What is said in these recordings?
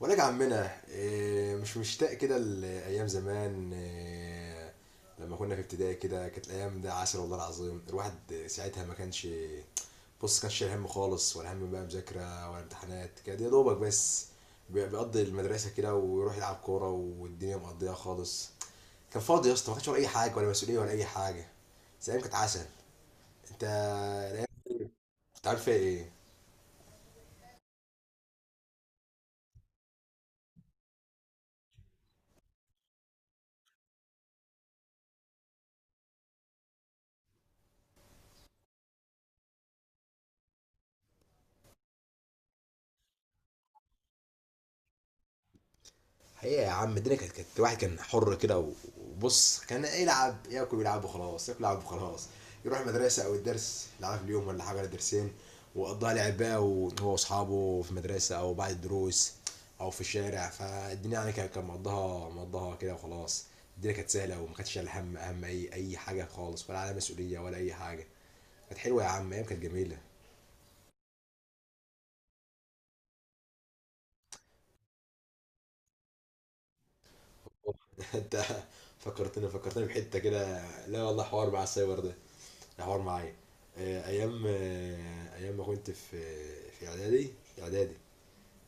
ولك يا عمنا إيه، مش مشتاق كده لأيام زمان إيه، لما كنا في ابتدائي كده كانت الأيام ده عسل والله العظيم. الواحد ساعتها ما كانش، بص، كانش شايل هم خالص، ولا هم بقى مذاكرة ولا امتحانات. كان يا دوبك بس بيقضي المدرسة كده ويروح يلعب كورة والدنيا مقضية خالص. كان فاضي يا اسطى، ما كانش ورا أي حاجة ولا مسؤولية ولا أي حاجة، بس الأيام كانت عسل. أنت، أنت عارف فيها إيه؟ حقيقة يا عم الدنيا كانت الواحد كان حر كده وبص كان يلعب، ياكل ويلعب وخلاص، ياكل ويلعب وخلاص. يروح المدرسة أو الدرس يلعب في اليوم، ولا حاجة ولا درسين، وقضاها لعب بقى وهو وأصحابه في المدرسة أو بعد الدروس أو في الشارع. فالدنيا يعني كان مقضاها كده وخلاص. الدنيا كانت سهلة وما كانتش شايل هم أهم أي حاجة خالص، ولا على مسؤولية ولا أي حاجة. كانت حلوة يا عم، أيام كانت جميلة. انت، فكرتني بحته كده. لا والله، حوار مع السايبر ده، ده حوار معايا. ايام ما كنت في اعدادي. اعدادي،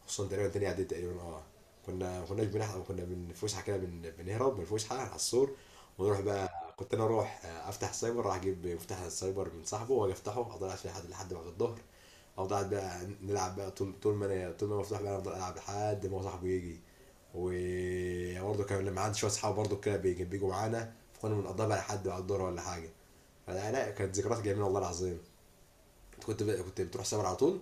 خصوصا تقريبا تاني اعدادي تقريبا. اه كنا ما كناش بنحضر، كنا من فسحه كده بنهرب من الفسحه على السور ونروح بقى. كنت انا اروح افتح سايبر، راح اجيب مفتاح السايبر من صاحبه واجي افتحه، افضل قاعد فيه لحد بعد الظهر. افضل قاعد بقى نلعب بقى، طول ما أنا مفتوح بقى أنا افضل العب لحد ما هو صاحبه يجي. وبرضه كان لما عندي شويه اصحاب برضه كده بيجوا معانا، فكنا بنقضيها بقى لحد بعد الظهر ولا حاجه. فلا، لا كانت ذكريات جميله والله العظيم. انت كنت بقى كنت بتروح سايبر على طول؟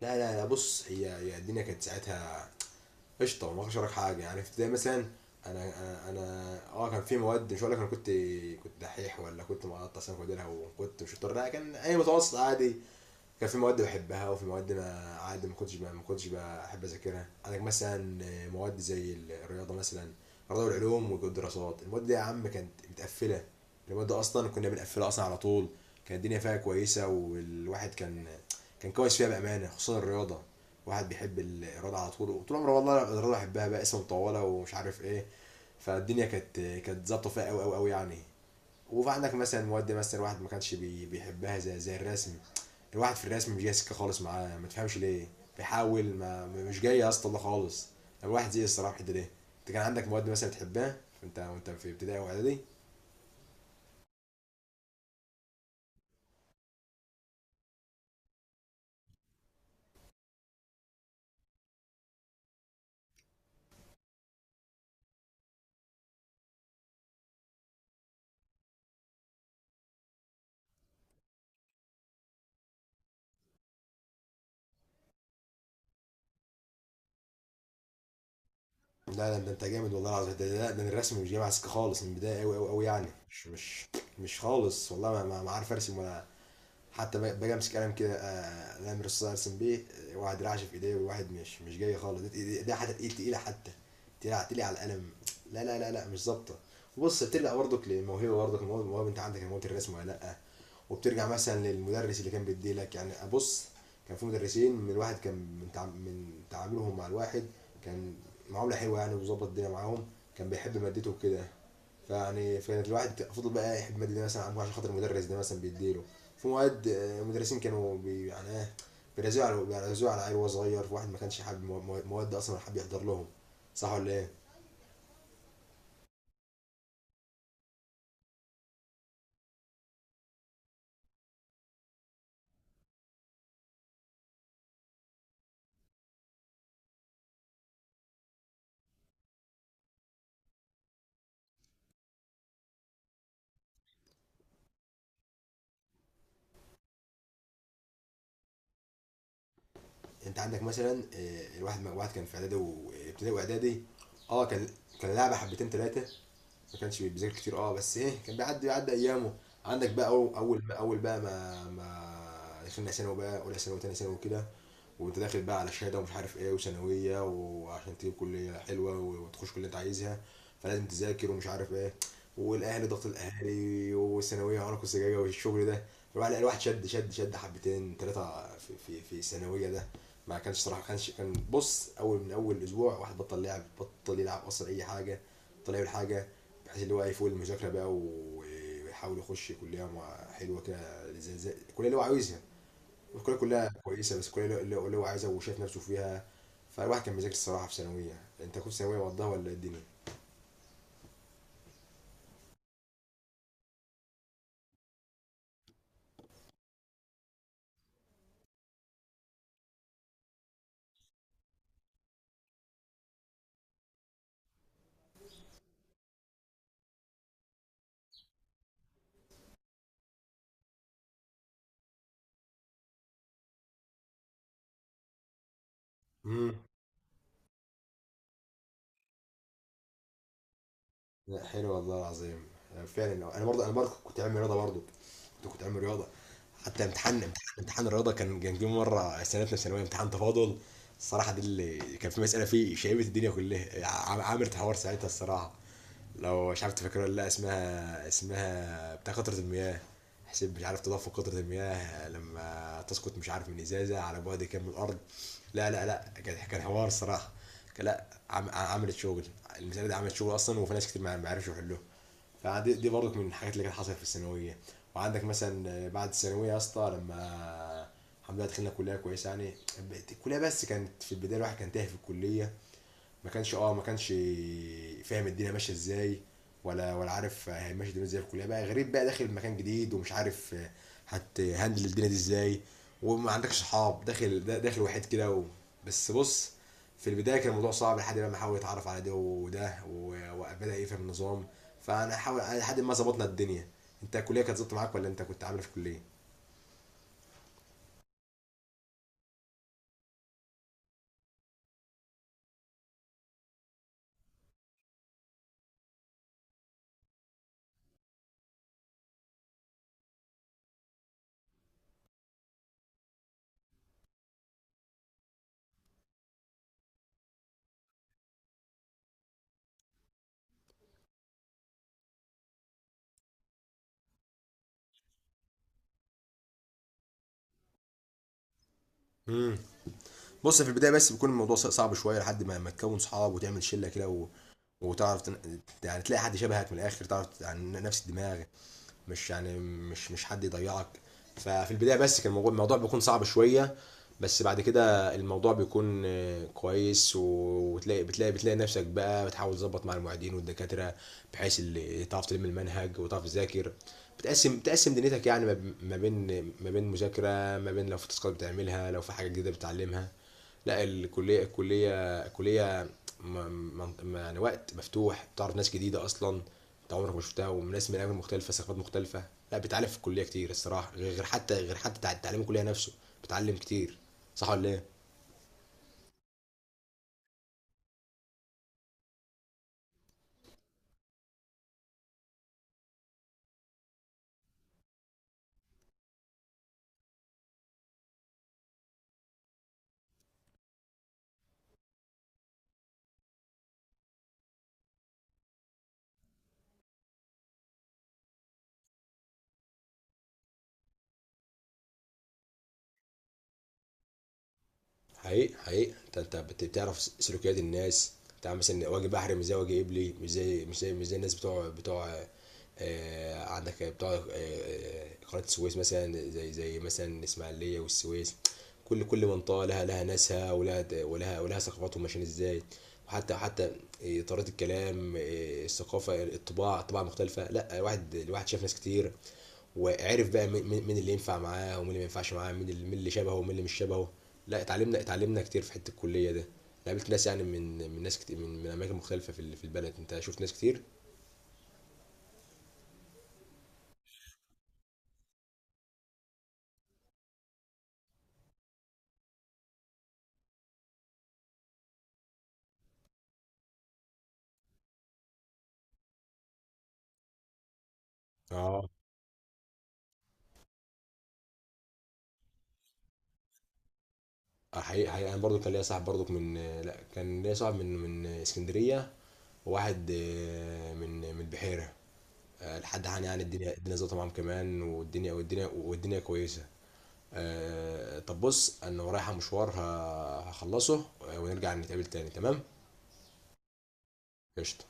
لا لا لا، بص، هي الدنيا كانت ساعتها قشطه، ما اقدرش حاجه. يعني في ابتدائي مثلا انا كان في مواد، مش هقول لك انا كنت كنت دحيح ولا كنت مقطع سنه كوديرها، وكنت مش شاطر، لا كان اي متوسط عادي. كان في مواد بحبها وفي مواد، ما عادي، ما كنتش بحب اذاكرها. عندك مثلا مواد زي الرياضه مثلا، الرياضه والعلوم والدراسات. المواد دي يا عم كانت متقفله، المواد اصلا كنا بنقفلها اصلا على طول. كانت الدنيا فيها كويسه، والواحد كان كويس فيها بامانه، خصوصا الرياضه. واحد بيحب الرياضه على طول وطول عمره، والله الرياضه بحبها بقى، اسمها مطوله ومش عارف ايه. فالدنيا كانت ظابطه فيها قوي قوي قوي يعني. وفي عندك مثلا مواد، مثلا الواحد ما كانش بيحبها زي الرسم. الواحد في الرسم مش جاي سكه خالص معاه، ما تفهمش ليه. بيحاول، مش جاي يا اسطى والله خالص. الواحد زي الصراحه في الحته دي. انت كان عندك مواد مثلا بتحبها وانت في ابتدائي واعدادي؟ لا لا، ده انت جامد والله العظيم. ده الرسم مش جاي معاه سكه خالص من البدايه قوي قوي قوي يعني، مش مش خالص والله. ما عارف ارسم ولا حتى. باجي امسك قلم كده، الامر الصغير ارسم بيه، واحد رعش في ايديه، وواحد مش جاي خالص. ده حتى تقيل، تقيله، حتى تقيله تقيله على القلم. لا لا لا لا مش ظابطه. وبص بترجع برضك للموهبه، برضك الموهبه، الموهبة انت عندك موهبه الرسم ولا لا؟ وبترجع مثلا للمدرس اللي كان بيديلك، يعني ابص كان في مدرسين، من الواحد كان من تع- من تعاملهم مع الواحد كان معامله حلوه يعني، وظبط الدنيا معاهم. كان بيحب مادته وكده، فيعني فكانت الواحد فضل بقى يحب الماده دي مثلا عشان خاطر المدرس ده مثلا بيديله. في مواد، مدرسين كانوا يعني ايه، بيرزقوا على العيل وهو صغير. في واحد ما كانش حابب مواد اصلا، ولا حابب يحضر لهم. صح ولا ايه؟ انت عندك مثلا الواحد، واحد كان في اعدادي، وابتدائي واعدادي. اه كان كان لعبه حبتين ثلاثه، ما كانش بيذاكر كتير. اه بس ايه كان بيعدي ايامه. عندك بقى اول بقى ما دخلنا ثانوي بقى، اولى ثانوي وثانيه ثانوي وكده. وانت داخل بقى على شهاده ومش عارف ايه، وثانويه، وعشان تجيب كليه حلوه وتخش كليه اللي انت عايزها. فلازم تذاكر ومش عارف ايه، والاهلي ضغط الاهلي، والثانويه عنق الزجاجه والشغل ده. الواحد، لا، الواحد شد شد شد حبتين ثلاثه في الثانويه ده. ما كانش صراحه، كان بص، من اول اسبوع واحد بطل لعب، بطل يلعب اصلا اي حاجه، بطل يعمل حاجه. بحيث اللي هو يفوق المذاكره بقى، ويحاول يخش كليه حلوه كده زي الكليه اللي هو عاوزها. الكليه كلها كويسه، بس الكليه اللي هو عايزها وشايف نفسه فيها. فالواحد كان بيذاكر الصراحه في ثانويه. انت كنت ثانويه مقضاها ولا إيه الدنيا؟ امم. لا حلو والله العظيم. فعلا، انا برضه كنت عامل رياضه برضه، كنت عامل رياضه. حتى امتحان، امتحان الرياضه كان جه مره سنتنا في ثانويه امتحان تفاضل. الصراحه دي اللي كان في مساله فيه شايبه الدنيا كلها، عامل حوار ساعتها الصراحه. لو مش عارف تفكر ولا لا، اسمها، اسمها بتاع قطرة المياه، حسين مش عارف. تضاف قطرة المياه لما تسقط، مش عارف من ازازة، على بعد كام من الارض. لا لا لا، كان حوار الصراحة. كان، لا، عملت شغل. المسألة دي عملت شغل اصلا، وفي ناس كتير ما عرفش يحلوها. فدي، دي برضك من الحاجات اللي كانت حصلت في الثانوية. وعندك مثلا بعد الثانوية يا اسطى لما، الحمد لله دخلنا كلية كويسة يعني. الكلية بس كانت في البداية الواحد كان تايه في الكلية، ما كانش ما كانش فاهم الدنيا ماشيه ازاي، ولا عارف هيمشي الدنيا ازاي في الكليه بقى، غريب بقى داخل مكان جديد ومش عارف هتهندل الدنيا دي ازاي. وما عندكش صحاب، داخل داخل وحيد كده و... بس بص في البدايه كان الموضوع صعب لحد بقى ما حاول يتعرف على ده وده وبدا يفهم النظام، فانا حاول لحد ما ظبطنا الدنيا. انت الكليه كانت ظبطت معاك ولا انت كنت عامل إيه في الكليه؟ امم. بص في البدايه بس بيكون الموضوع صعب شويه لحد ما تكون صحاب وتعمل شله كده و... وتعرف تن... يعني تلاقي حد شبهك من الاخر، تعرف يعني نفس الدماغ، مش يعني مش حد يضيعك. ففي البدايه بس كان الموضوع بيكون صعب شويه. بس بعد كده الموضوع بيكون، كويس، وتلاقي بتلاقي نفسك بقى بتحاول تظبط مع المعيدين والدكاتره، بحيث اللي تعرف تلم المنهج وتعرف تذاكر. بتقسم، بتقسم دنيتك يعني ما بين مذاكره، ما بين لو في تاسكات بتعملها، لو في حاجه جديده بتتعلمها. لا الكليه الكليه كليه م- م- م- يعني وقت مفتوح، بتعرف ناس جديده اصلا انت عمرك ما شفتها، وناس من اماكن مختلفه ثقافات مختلفه. لا بتعلم في الكليه كتير الصراحه، غير حتى تعليم الكليه نفسه، بتعلم كتير. صح ولا ايه؟ حقيقي حقيقي انت بتعرف سلوكيات الناس. بتاع مثلا واجه بحري مش زي واجه قبلي، مش زي الناس بتوع. عندك بتوع قناة السويس مثلا، زي مثلا الإسماعيلية والسويس. كل منطقة لها ناسها ولها ثقافتهم ماشيين ازاي. وحتى طريقة الكلام، الثقافة الطباع، طباع مختلفة. لا واحد، الواحد شاف ناس كتير، وعرف بقى مين، مين اللي ينفع معاه ومين اللي ما ينفعش معاه، مين اللي، مين اللي شبهه ومين اللي مش شبهه. لا اتعلمنا كتير في حته الكليه ده. أنا قابلت ناس يعني من، من ناس كتير من اماكن مختلفه في في البلد. انت شفت ناس كتير؟ اه. حقيقي حقيقي انا برضو كان ليا صاحب برضو من لا كان ليا صاحب من من اسكندريه، وواحد من من البحيره. لحد عن يعني، الدنيا ظبطت معاهم كمان، والدنيا كويسه. طب بص انا ورايا مشوار هخلصه، ونرجع نتقابل تاني، تمام؟ قشطه.